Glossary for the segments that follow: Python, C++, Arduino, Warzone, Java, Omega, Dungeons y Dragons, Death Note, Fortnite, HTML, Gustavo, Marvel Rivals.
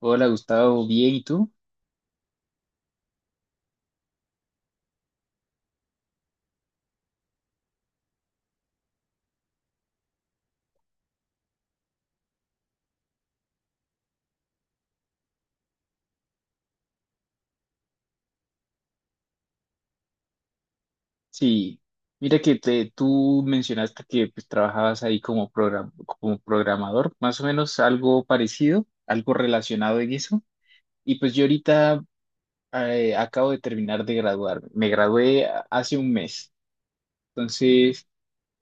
Hola Gustavo, bien, ¿y tú? Sí, mira tú mencionaste que pues, trabajabas ahí como, como programador, más o menos algo parecido, algo relacionado en eso. Y pues yo ahorita acabo de terminar de graduarme, me gradué hace un mes, entonces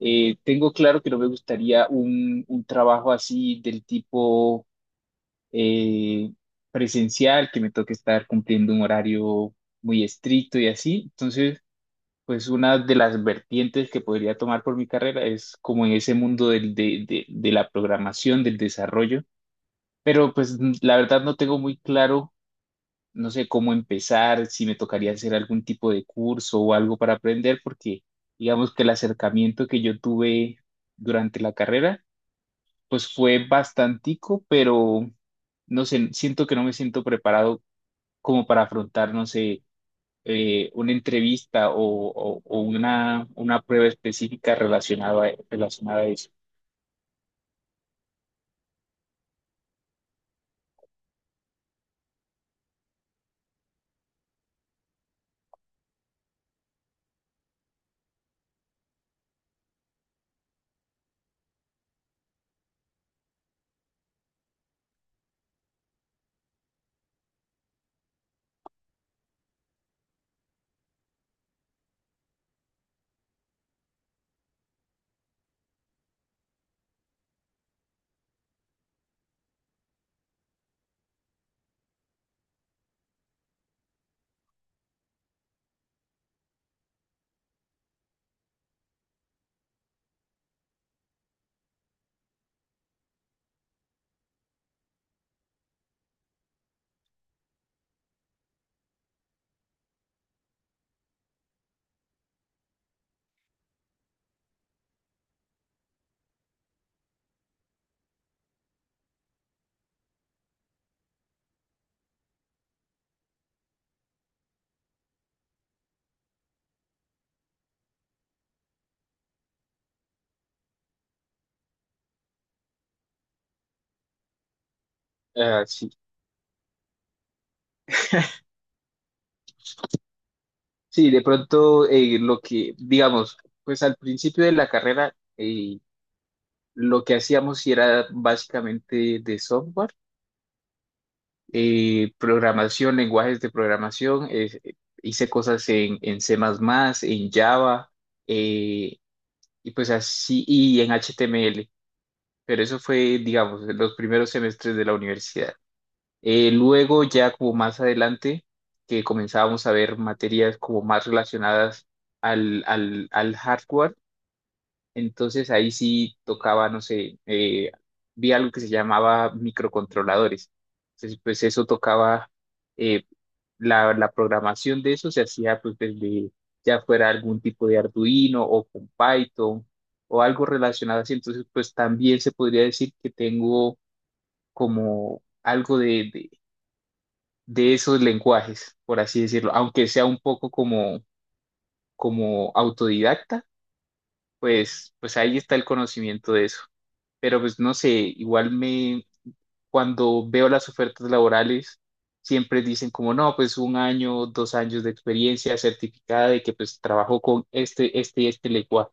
tengo claro que no me gustaría un trabajo así del tipo eh, presencial, que me toque estar cumpliendo un horario muy estricto y así, entonces. Pues una de las vertientes que podría tomar por mi carrera es como en ese mundo de la programación, del desarrollo, pero pues la verdad no tengo muy claro, no sé cómo empezar, si me tocaría hacer algún tipo de curso o algo para aprender, porque digamos que el acercamiento que yo tuve durante la carrera, pues fue bastantico, pero no sé, siento que no me siento preparado como para afrontar, no sé una entrevista o una prueba específica relacionada, relacionada a eso. Ah, sí. Sí, de pronto lo que, digamos, pues al principio de la carrera, lo que hacíamos sí era básicamente de software, programación, lenguajes de programación, hice cosas en C++, en Java, eh, y pues así, y en HTML, pero eso fue, digamos, en los primeros semestres de la universidad. Luego ya como más adelante, que comenzábamos a ver materias como más relacionadas al hardware, entonces ahí sí tocaba, no sé, vi algo que se llamaba microcontroladores. Entonces, pues eso tocaba, eh, la programación de eso se hacía pues desde ya fuera algún tipo de Arduino o con Python o algo relacionado así. Entonces, pues también se podría decir que tengo como algo de esos lenguajes, por así decirlo, aunque sea un poco como, como autodidacta, pues, pues ahí está el conocimiento de eso. Pero pues no sé, igual me, cuando veo las ofertas laborales, siempre dicen como, no, pues un año, dos años de experiencia certificada de que pues trabajo con este, este y este lenguaje.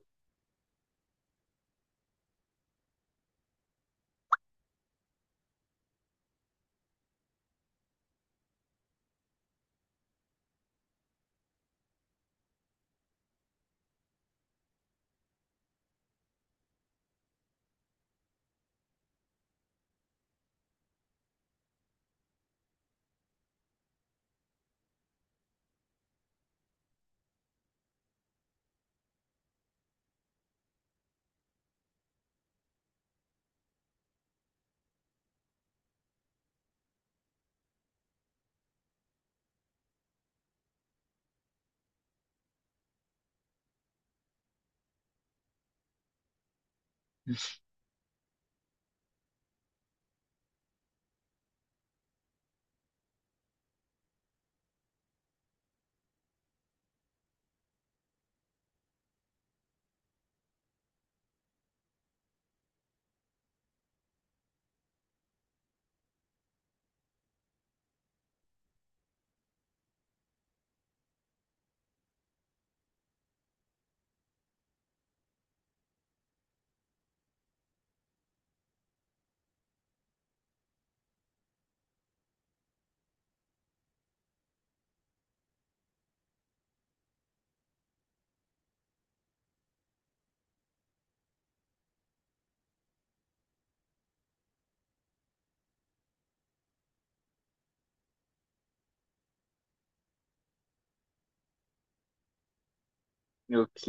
Ok.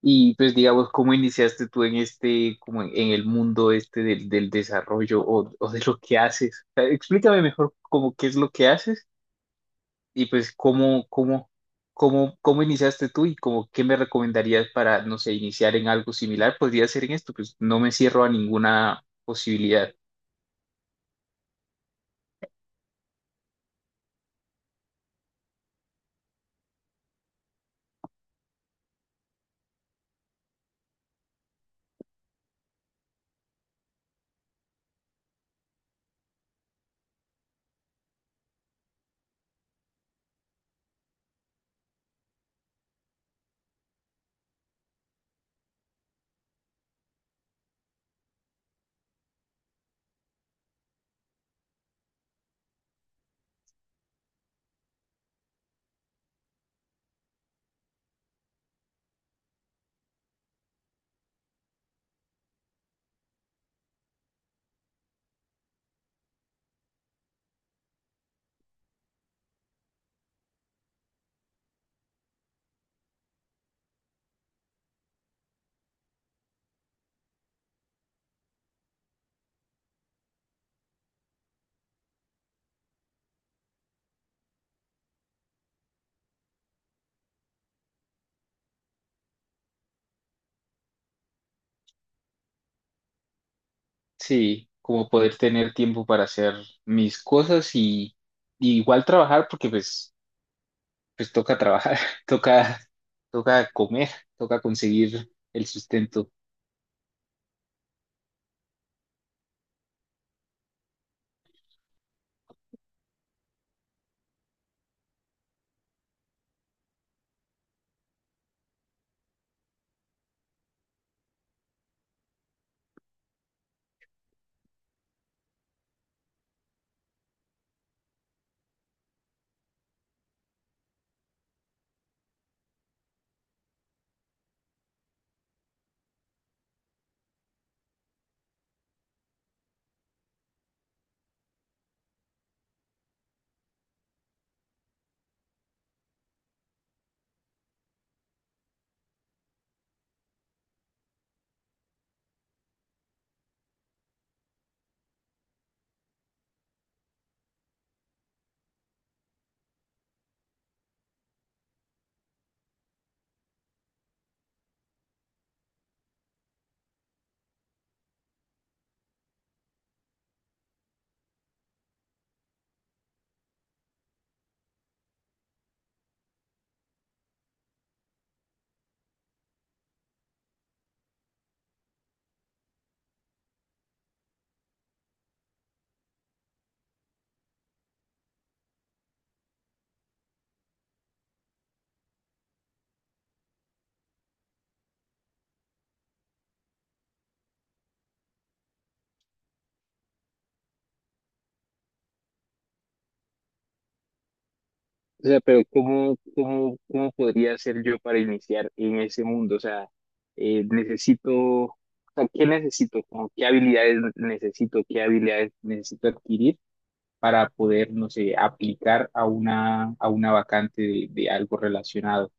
Y pues digamos, ¿cómo iniciaste tú en este, como en el mundo este del desarrollo o de lo que haces? O sea, explícame mejor como qué es lo que haces. Y pues, ¿cómo iniciaste tú y como qué me recomendarías para, no sé, iniciar en algo similar? Podría ser en esto, pues no me cierro a ninguna posibilidad. Sí, como poder tener tiempo para hacer mis cosas y igual trabajar, porque pues, pues toca trabajar, toca, toca comer, toca conseguir el sustento. O sea, pero ¿cómo podría hacer yo para iniciar en ese mundo? O sea, necesito, o sea, ¿qué necesito? Como, ¿qué habilidades necesito? ¿Qué habilidades necesito adquirir para poder, no sé, aplicar a una vacante de algo relacionado?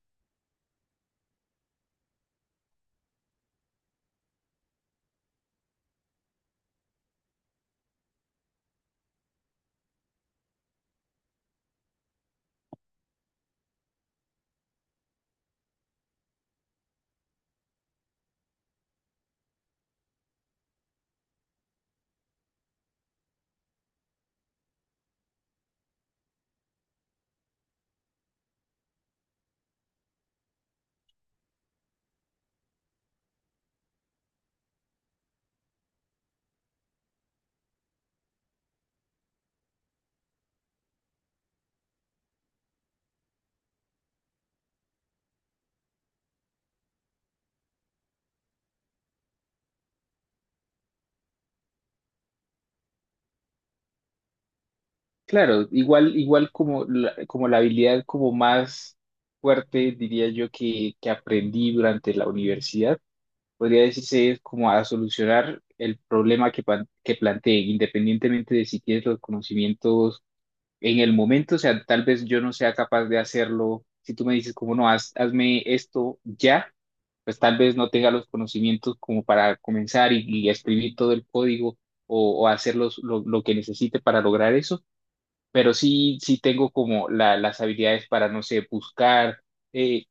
Claro, igual, igual como la habilidad como más fuerte, diría yo, que aprendí durante la universidad podría decirse es como a solucionar el problema que, que planteen, independientemente de si tienes los conocimientos en el momento, o sea, tal vez yo no sea capaz de hacerlo. Si tú me dices como no, hazme esto ya, pues tal vez no tenga los conocimientos como para comenzar y escribir todo el código o hacer lo que necesite para lograr eso, pero sí, sí tengo como las habilidades para, no sé, buscar. eh,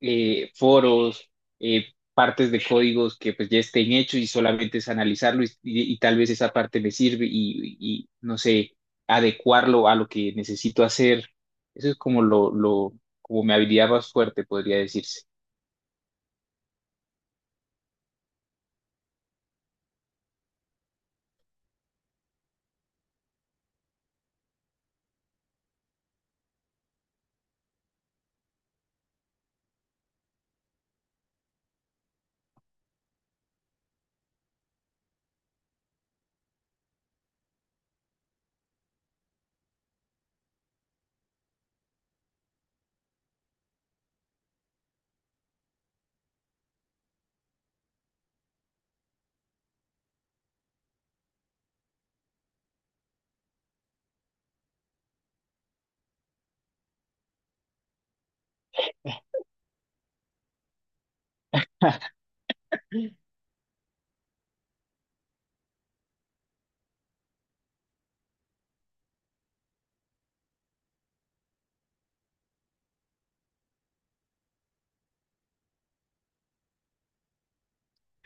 Foros, eh, partes de códigos que pues ya estén hechos y solamente es analizarlo y tal vez esa parte me sirve y, no sé, adecuarlo a lo que necesito hacer. Eso es como lo, como mi habilidad más fuerte, podría decirse.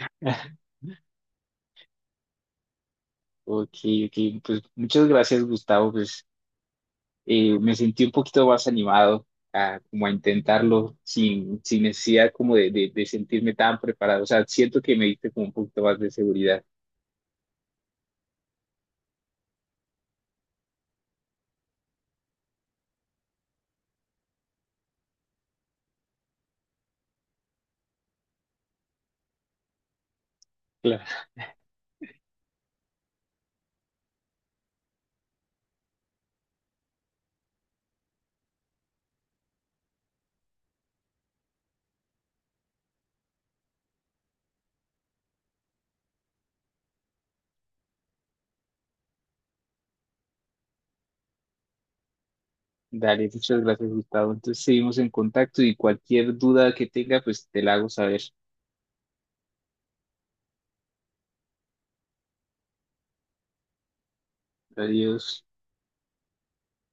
Ok, ok, pues muchas gracias, Gustavo. Pues me sentí un poquito más animado a, como a intentarlo sin, sin necesidad como de sentirme tan preparado. O sea, siento que me diste como un poquito más de seguridad. Claro. Dale, muchas gracias, Gustavo. Entonces seguimos en contacto y cualquier duda que tenga, pues te la hago saber. Adiós.